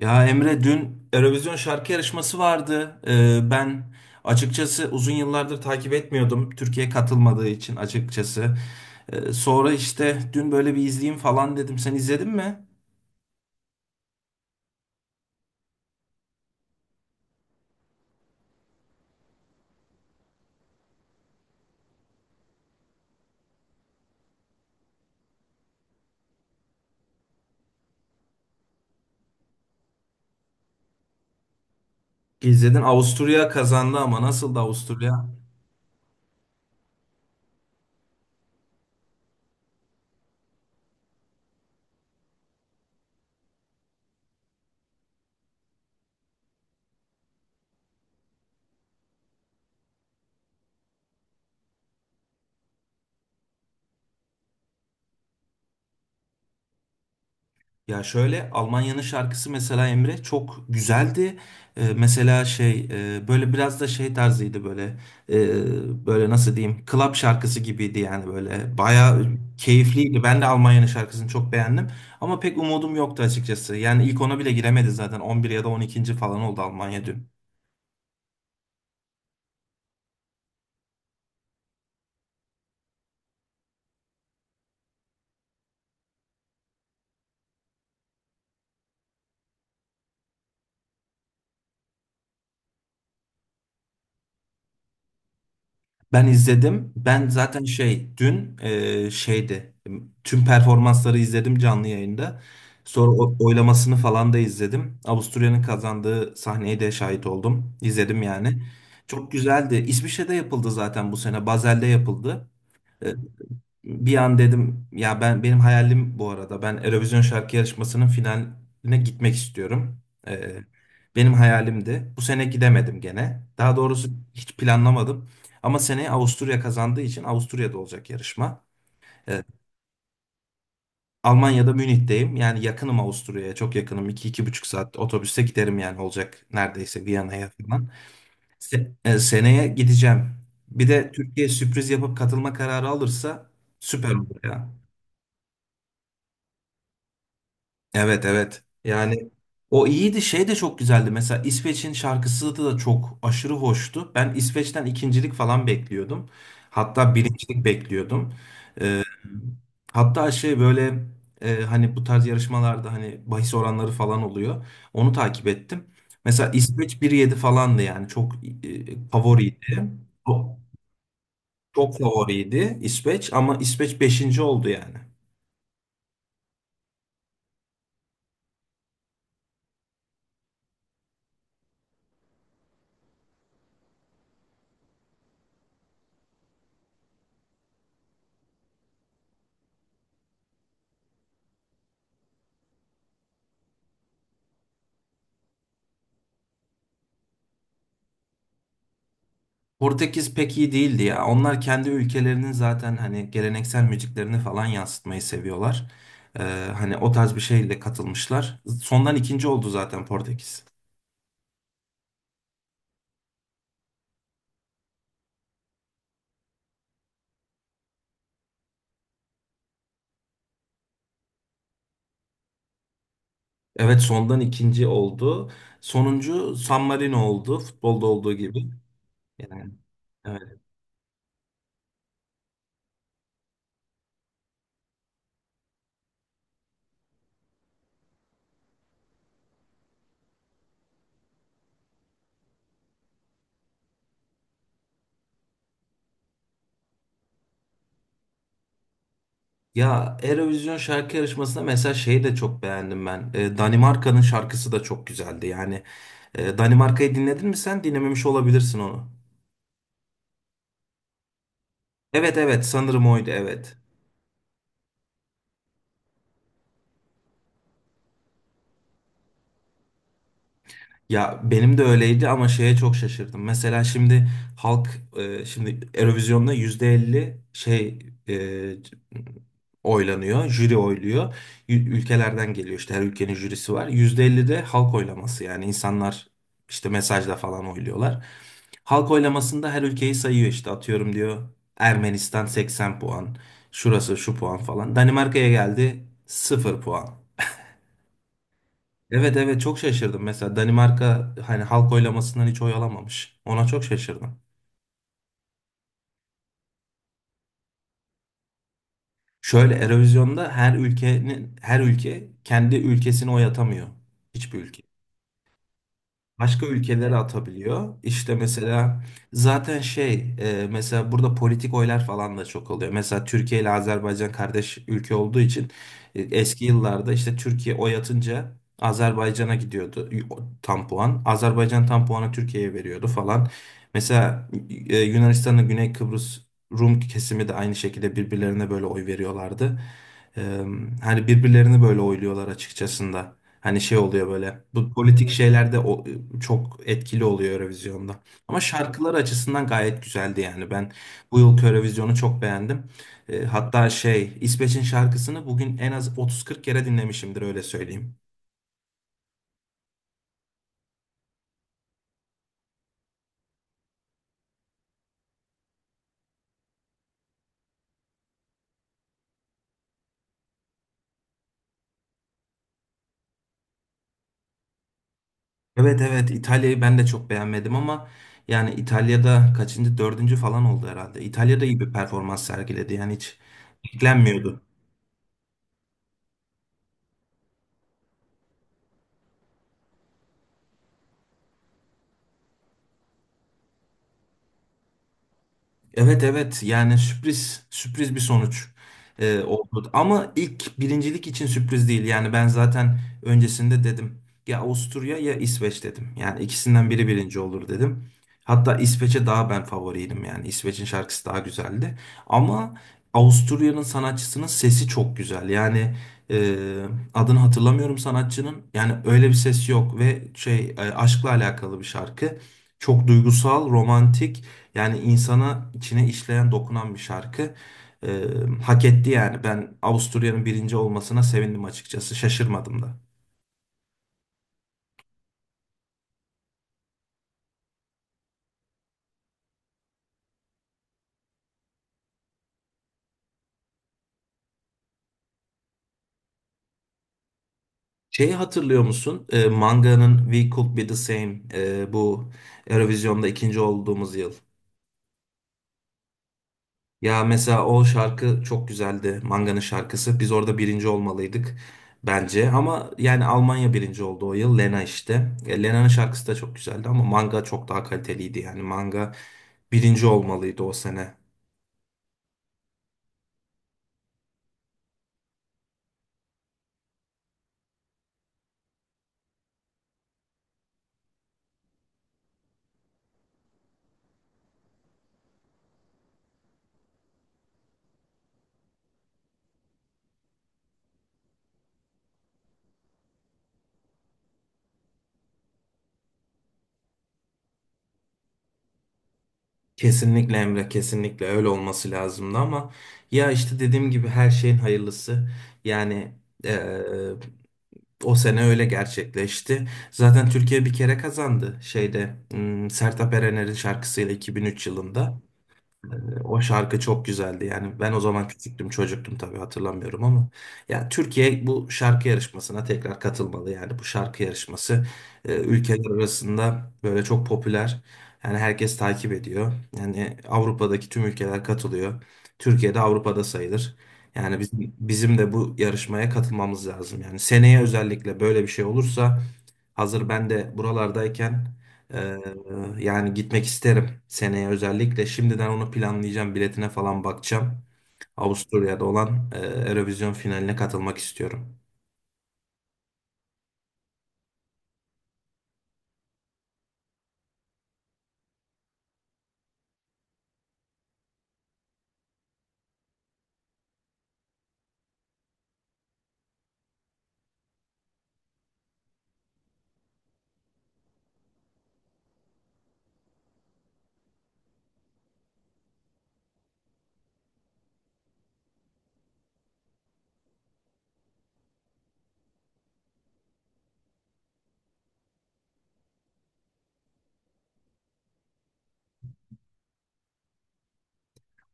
Ya Emre dün Eurovision şarkı yarışması vardı. Ben açıkçası uzun yıllardır takip etmiyordum. Türkiye katılmadığı için açıkçası. Sonra işte dün böyle bir izleyeyim falan dedim. Sen izledin mi? İzledin. Avusturya kazandı ama nasıldı Avusturya? Ya şöyle Almanya'nın şarkısı mesela Emre çok güzeldi. Mesela şey, böyle biraz da şey tarzıydı, böyle nasıl diyeyim, club şarkısı gibiydi yani böyle bayağı keyifliydi. Ben de Almanya'nın şarkısını çok beğendim ama pek umudum yoktu açıkçası. Yani ilk ona bile giremedi zaten 11 ya da 12. falan oldu Almanya dün. Ben izledim. Ben zaten şey dün şeydi. Tüm performansları izledim canlı yayında. Sonra oylamasını falan da izledim. Avusturya'nın kazandığı sahneye de şahit oldum. İzledim yani. Çok güzeldi. İsviçre'de yapıldı zaten bu sene. Basel'de yapıldı. E, bir an dedim, ya benim hayalim bu arada, ben Eurovision şarkı yarışmasının finaline gitmek istiyorum. Ee, benim hayalimdi. Bu sene gidemedim gene. Daha doğrusu hiç planlamadım. Ama seneye Avusturya kazandığı için Avusturya'da olacak yarışma. Ee, Almanya'da Münih'teyim. Yani yakınım Avusturya'ya. Çok yakınım. İki iki buçuk saat otobüste giderim yani, olacak neredeyse Viyana'ya falan. Seneye gideceğim. Bir de Türkiye sürpriz yapıp katılma kararı alırsa süper olur. Evet evet. Yani o iyiydi. Şey de çok güzeldi. Mesela İsveç'in şarkısı da çok aşırı hoştu. Ben İsveç'ten ikincilik falan bekliyordum. Hatta birincilik bekliyordum. Ee, hatta şey böyle, hani bu tarz yarışmalarda hani bahis oranları falan oluyor. Onu takip ettim. Mesela İsveç 1,7 falandı yani çok favoriydi. Çok, çok favoriydi İsveç ama İsveç beşinci oldu yani. Portekiz pek iyi değildi ya. Onlar kendi ülkelerinin zaten hani geleneksel müziklerini falan yansıtmayı seviyorlar. Ee, hani o tarz bir şeyle katılmışlar. Sondan ikinci oldu zaten Portekiz. Evet sondan ikinci oldu. Sonuncu San Marino oldu. Futbolda olduğu gibi. Yani evet. Ya Eurovision şarkı yarışmasında mesela şeyi de çok beğendim ben. Danimarka'nın şarkısı da çok güzeldi. Yani Danimarka'yı dinledin mi sen? Dinlememiş olabilirsin onu. Evet evet sanırım oydu evet. Ya benim de öyleydi ama şeye çok şaşırdım. Mesela şimdi halk, şimdi Eurovision'da %50 şey, e, oylanıyor, jüri oyluyor. Ülkelerden geliyor işte, her ülkenin jürisi var. %50 de halk oylaması, yani insanlar işte mesajla falan oyluyorlar. Halk oylamasında her ülkeyi sayıyor, işte atıyorum diyor Ermenistan 80 puan, şurası şu puan falan. Danimarka'ya geldi 0 puan. Evet evet çok şaşırdım. Mesela Danimarka hani halk oylamasından hiç oy alamamış. Ona çok şaşırdım. Şöyle, Eurovision'da her ülke kendi ülkesine oy atamıyor. Hiçbir ülke. Başka ülkelere atabiliyor. İşte mesela zaten şey, mesela burada politik oylar falan da çok oluyor. Mesela Türkiye ile Azerbaycan kardeş ülke olduğu için eski yıllarda işte Türkiye oy atınca Azerbaycan'a gidiyordu, tam puan. Azerbaycan tam puanı Türkiye'ye veriyordu falan. Mesela Yunanistan'ın Güney Kıbrıs Rum kesimi de aynı şekilde birbirlerine böyle oy veriyorlardı. E, hani birbirlerini böyle oyluyorlar açıkçası. Hani şey oluyor böyle. Bu politik şeyler de çok etkili oluyor Eurovision'da. Ama şarkılar açısından gayet güzeldi yani. Ben bu yılki Eurovision'u çok beğendim. Hatta şey, İsveç'in şarkısını bugün en az 30-40 kere dinlemişimdir, öyle söyleyeyim. Evet evet İtalya'yı ben de çok beğenmedim ama yani İtalya'da kaçıncı, dördüncü falan oldu herhalde. İtalya'da iyi bir performans sergiledi yani, hiç beklenmiyordu. Evet evet yani sürpriz, sürpriz bir sonuç oldu. Ama ilk birincilik için sürpriz değil. Yani ben zaten öncesinde dedim, ya Avusturya ya İsveç dedim. Yani ikisinden biri birinci olur dedim. Hatta İsveç'e daha ben favoriydim, yani İsveç'in şarkısı daha güzeldi. Ama Avusturya'nın sanatçısının sesi çok güzel. Yani e, adını hatırlamıyorum sanatçının. Yani öyle bir ses yok ve şey, aşkla alakalı bir şarkı. Çok duygusal, romantik. Yani insana içine işleyen, dokunan bir şarkı. Ee, hak etti yani. Ben Avusturya'nın birinci olmasına sevindim açıkçası. Şaşırmadım da. Şeyi hatırlıyor musun? Manga'nın We Could Be The Same, bu Eurovision'da ikinci olduğumuz yıl. Ya mesela o şarkı çok güzeldi. Manga'nın şarkısı. Biz orada birinci olmalıydık bence. Ama yani Almanya birinci oldu o yıl. Lena işte. Lena'nın şarkısı da çok güzeldi ama Manga çok daha kaliteliydi. Yani Manga birinci olmalıydı o sene. Kesinlikle Emre, kesinlikle öyle olması lazımdı ama ya işte dediğim gibi, her şeyin hayırlısı. Yani eee, o sene öyle gerçekleşti. Zaten Türkiye bir kere kazandı şeyde, Sertab Erener'in şarkısıyla 2003 yılında. O şarkı çok güzeldi. Yani ben o zaman küçüktüm, çocuktum, tabii hatırlamıyorum ama ya Türkiye bu şarkı yarışmasına tekrar katılmalı. Yani bu şarkı yarışması ülkeler arasında böyle çok popüler. Yani herkes takip ediyor. Yani Avrupa'daki tüm ülkeler katılıyor. Türkiye de Avrupa'da sayılır. Yani bizim de bu yarışmaya katılmamız lazım. Yani seneye özellikle böyle bir şey olursa, hazır ben de buralardayken, ee, yani gitmek isterim seneye özellikle. Şimdiden onu planlayacağım. Biletine falan bakacağım. Avusturya'da olan Eurovision finaline katılmak istiyorum.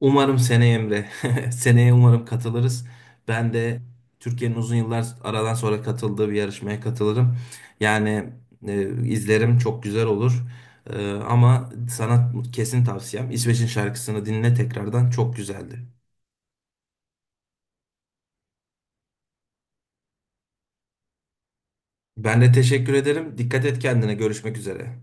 Umarım seneye Emre. Seneye umarım katılırız. Ben de Türkiye'nin uzun yıllar aradan sonra katıldığı bir yarışmaya katılırım. Yani e, izlerim, çok güzel olur. Ama sana kesin tavsiyem, İsveç'in şarkısını dinle tekrardan, çok güzeldi. Ben de teşekkür ederim. Dikkat et kendine. Görüşmek üzere.